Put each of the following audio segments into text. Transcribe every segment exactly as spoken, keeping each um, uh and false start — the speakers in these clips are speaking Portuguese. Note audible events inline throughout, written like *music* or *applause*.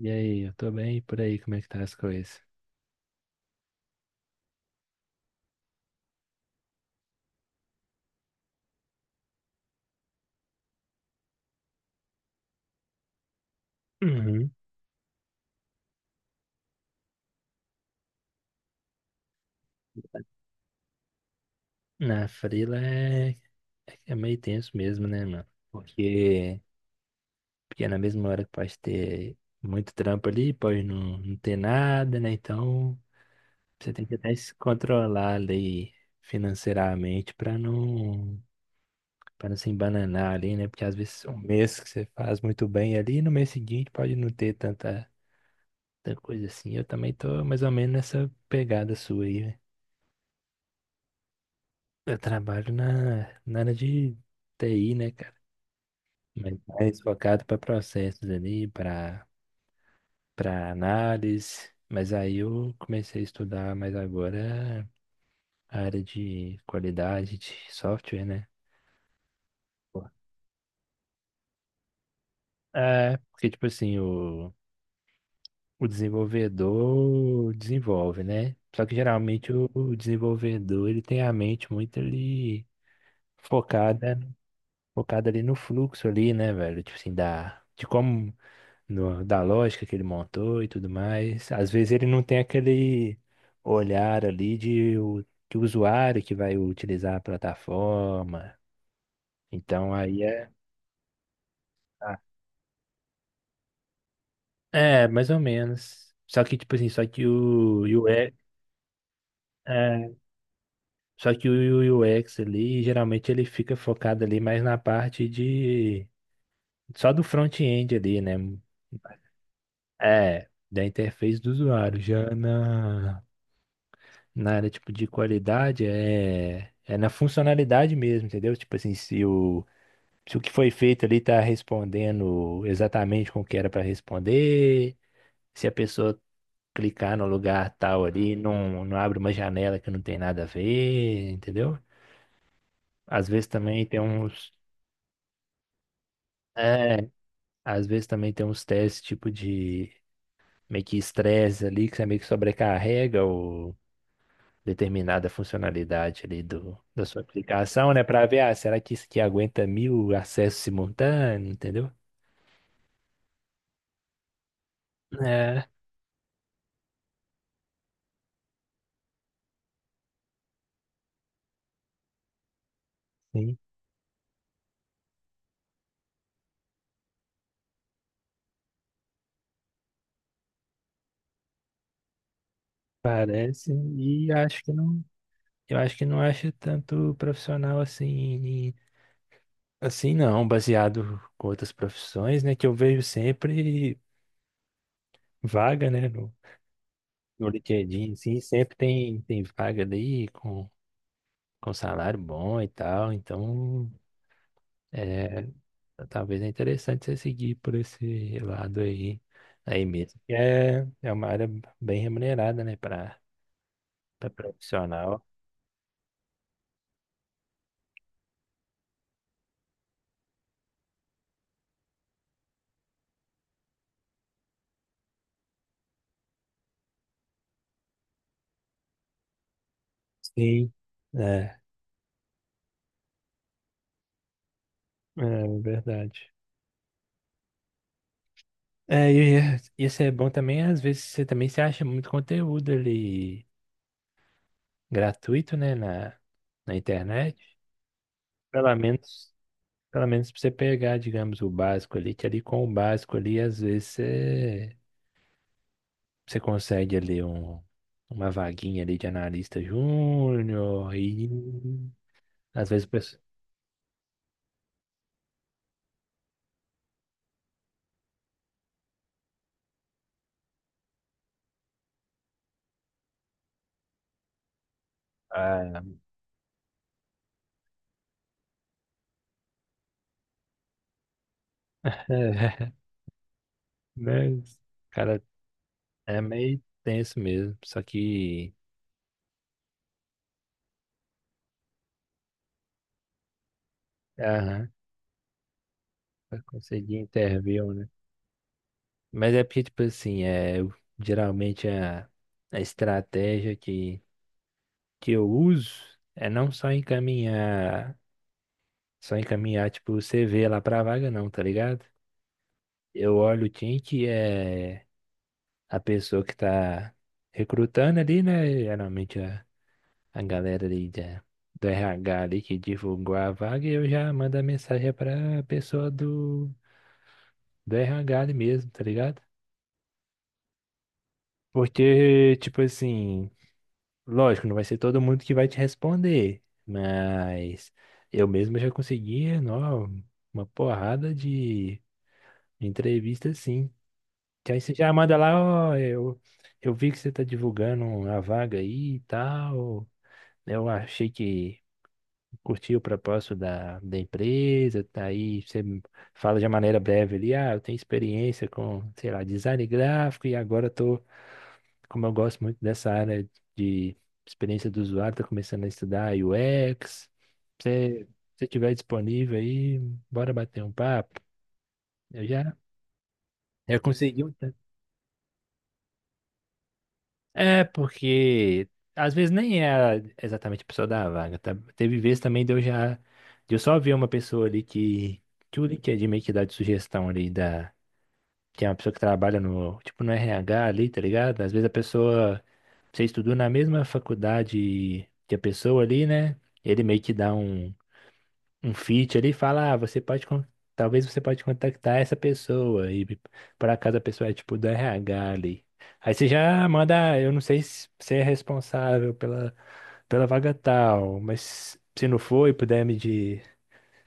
E aí, eu tô bem? E por aí, como é que tá as coisas? Uhum. Na frila é, é meio tenso mesmo, né, mano? Porque, porque é na mesma hora que pode ter muito trampo ali, pode não, não ter nada, né? Então você tem que até se controlar ali financeiramente pra não, para não se embananar ali, né? Porque às vezes um mês que você faz muito bem ali, no mês seguinte pode não ter tanta, tanta coisa assim. Eu também tô mais ou menos nessa pegada sua aí. Eu trabalho na, na área de T I, né, cara? Mas mais focado para processos ali, para para análise. Mas aí eu comecei a estudar mais agora a área de qualidade de software, né? Pô. É, porque, tipo assim, o, o desenvolvedor desenvolve, né? Só que geralmente o, o desenvolvedor, ele tem a mente muito ali focada, focada ali no fluxo ali, né, velho? Tipo assim, da, de como do- da lógica que ele montou e tudo mais. Às vezes ele não tem aquele olhar ali de o, de usuário que vai utilizar a plataforma. Então aí é. ah, É, mais ou menos. Só que, tipo assim, só que o U X, é, só que o U X ali, geralmente ele fica focado ali mais na parte de. Só do front-end ali, né? É, da interface do usuário. Já na. Na área tipo de qualidade é é na funcionalidade mesmo, entendeu? Tipo assim, se o se o que foi feito ali tá respondendo exatamente com o que era para responder, se a pessoa clicar no lugar tal ali, não não abre uma janela que não tem nada a ver, entendeu? Às vezes também tem uns é, Às vezes também tem uns testes tipo de meio que estresse ali que você meio que sobrecarrega o determinada funcionalidade ali do, da sua aplicação, né? Para ver, ah, será que isso aqui aguenta mil acessos simultâneos, entendeu? É, sim, parece. E acho que não, eu acho que não acho tanto profissional assim, assim não, baseado com outras profissões, né? Que eu vejo sempre vaga, né? No, no LinkedIn, assim, sempre tem, tem vaga ali com, com salário bom e tal, então. é, Talvez é interessante você seguir por esse lado aí, aí mesmo. Que É, é uma área bem remunerada, né, para profissional. Sim, é, é verdade. É, e e isso é bom também, às vezes você também se acha muito conteúdo ali gratuito, né, na, na internet. Pelo menos, pelo menos para você pegar, digamos, o básico ali, que ali com o básico ali, às vezes você você consegue ali um, uma vaguinha ali de analista júnior e às vezes o pessoal. Ah, *laughs* né? Cara, é meio tenso mesmo. Só que. Aham, pra conseguir interview, né? Mas é porque, tipo assim, é, eu- geralmente a, a estratégia que, que eu uso é não só encaminhar, só encaminhar, tipo, o C V lá pra vaga, não, tá ligado? Eu olho o time que é. A pessoa que tá recrutando ali, né? Geralmente a, a galera ali da, do R H ali que divulgou a vaga, eu já mando a mensagem pra pessoa do, do R H ali mesmo, tá ligado? Porque, tipo assim, lógico, não vai ser todo mundo que vai te responder, mas eu mesmo já consegui, não, uma porrada de entrevista assim. Que aí você já manda lá, ó, eu, eu vi que você tá divulgando a vaga aí e tal. né, Eu achei que curti o propósito da, da empresa, tá aí você fala de uma maneira breve ali, ah, eu tenho experiência com, sei lá, design gráfico e agora eu tô, como eu gosto muito dessa área de experiência do usuário, tô começando a estudar U X. Se você estiver disponível aí, bora bater um papo. Eu já, Já consegui um. É, porque às vezes nem é exatamente a pessoa da vaga, tá? Teve vezes também de eu já, de eu só ver uma pessoa ali que, que o LinkedIn meio que dá de sugestão ali da, que é uma pessoa que trabalha no, tipo, no R H ali, tá ligado? Às vezes a pessoa, você estudou na mesma faculdade que a pessoa ali, né? Ele meio que dá um, um feat ali e fala, ah, você pode, con- talvez você pode contactar essa pessoa e por acaso a pessoa é tipo do R H ali. Aí você já manda, eu não sei se você é responsável pela, pela vaga tal, mas se não for e puder me di-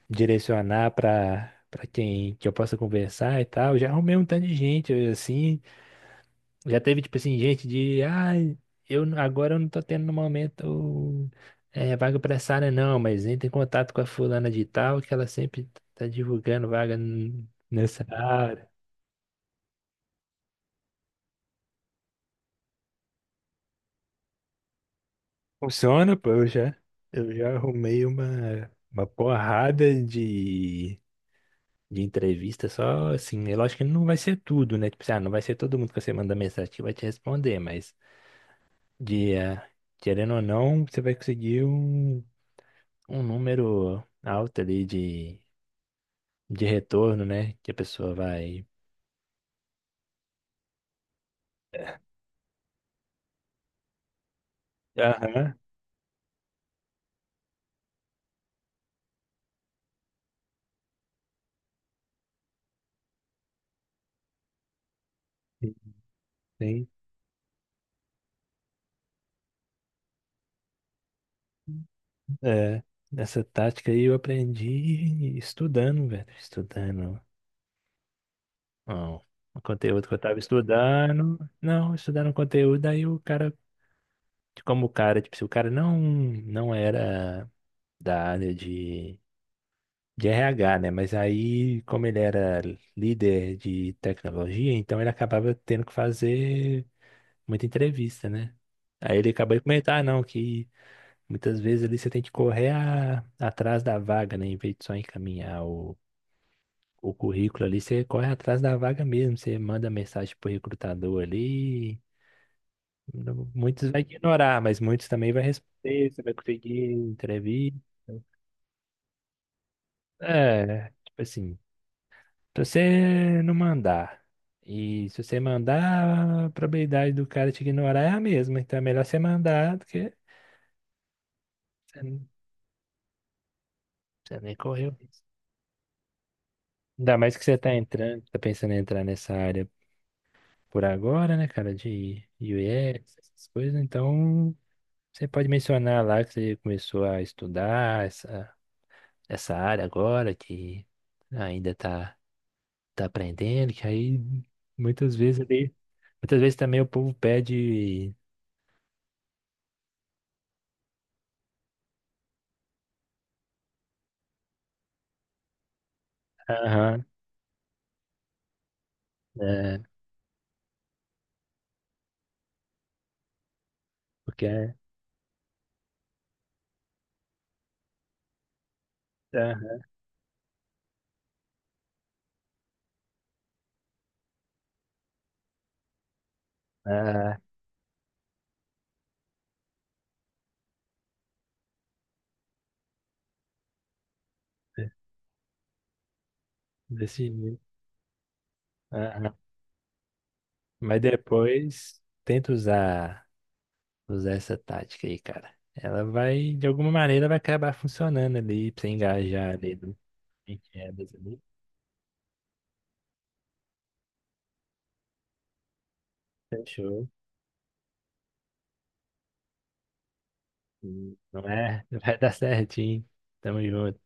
direcionar para para quem que eu possa conversar e tal, já arrumei um tanto de gente assim, já teve, tipo assim, gente de, ah, eu n- agora eu não tô tendo no momento é, vaga pra essa área, não, mas entra em contato com a fulana de tal, que ela sempre tá divulgando vaga n- nessa área. Funciona, pô, eu já, eu já arrumei uma, uma porrada de, de entrevista só, assim, é lógico que não vai ser tudo, né? Tipo assim, ah, não vai ser todo mundo que você manda mensagem que vai te responder, mas de, ah, querendo ou não, você vai conseguir um um número alto ali de, de retorno, né? Que a pessoa vai. Aham, sim. É, essa tática aí eu aprendi estudando, velho. Estudando. Ó, o conteúdo que eu tava estudando. Não, estudando o conteúdo, aí o cara, como o cara, tipo, se o cara não, não era da área de, de R H, né? Mas aí, como ele era líder de tecnologia, então ele acabava tendo que fazer muita entrevista, né? Aí ele acabou de comentar, ah, não, que muitas vezes ali você tem que correr a- atrás da vaga, né? Em vez de só encaminhar o, o currículo ali, você corre atrás da vaga mesmo, você manda mensagem pro recrutador ali. Não- Muitos vai ignorar, mas muitos também vai responder, você vai conseguir entrevista. É, tipo assim, se você não mandar, e se você mandar, a probabilidade do cara te ignorar é a mesma, então é melhor você mandar do que. Você nem correu. Ainda mais que você tá entrando, tá pensando em entrar nessa área por agora, né, cara, de U X, essas coisas. Então, você pode mencionar lá que você começou a estudar essa, essa área agora, que ainda tá, tá aprendendo, que aí muitas vezes ali, muitas vezes também o povo pede, aham, é, porque é, aham, ah, desse jeito, aham. Mas depois tenta usar. Usar essa tática aí, cara. Ela vai, de alguma maneira, vai acabar funcionando ali pra você engajar ali no em quedas ali. Fechou. Não é? *laughs* Vai dar certinho. Tamo junto.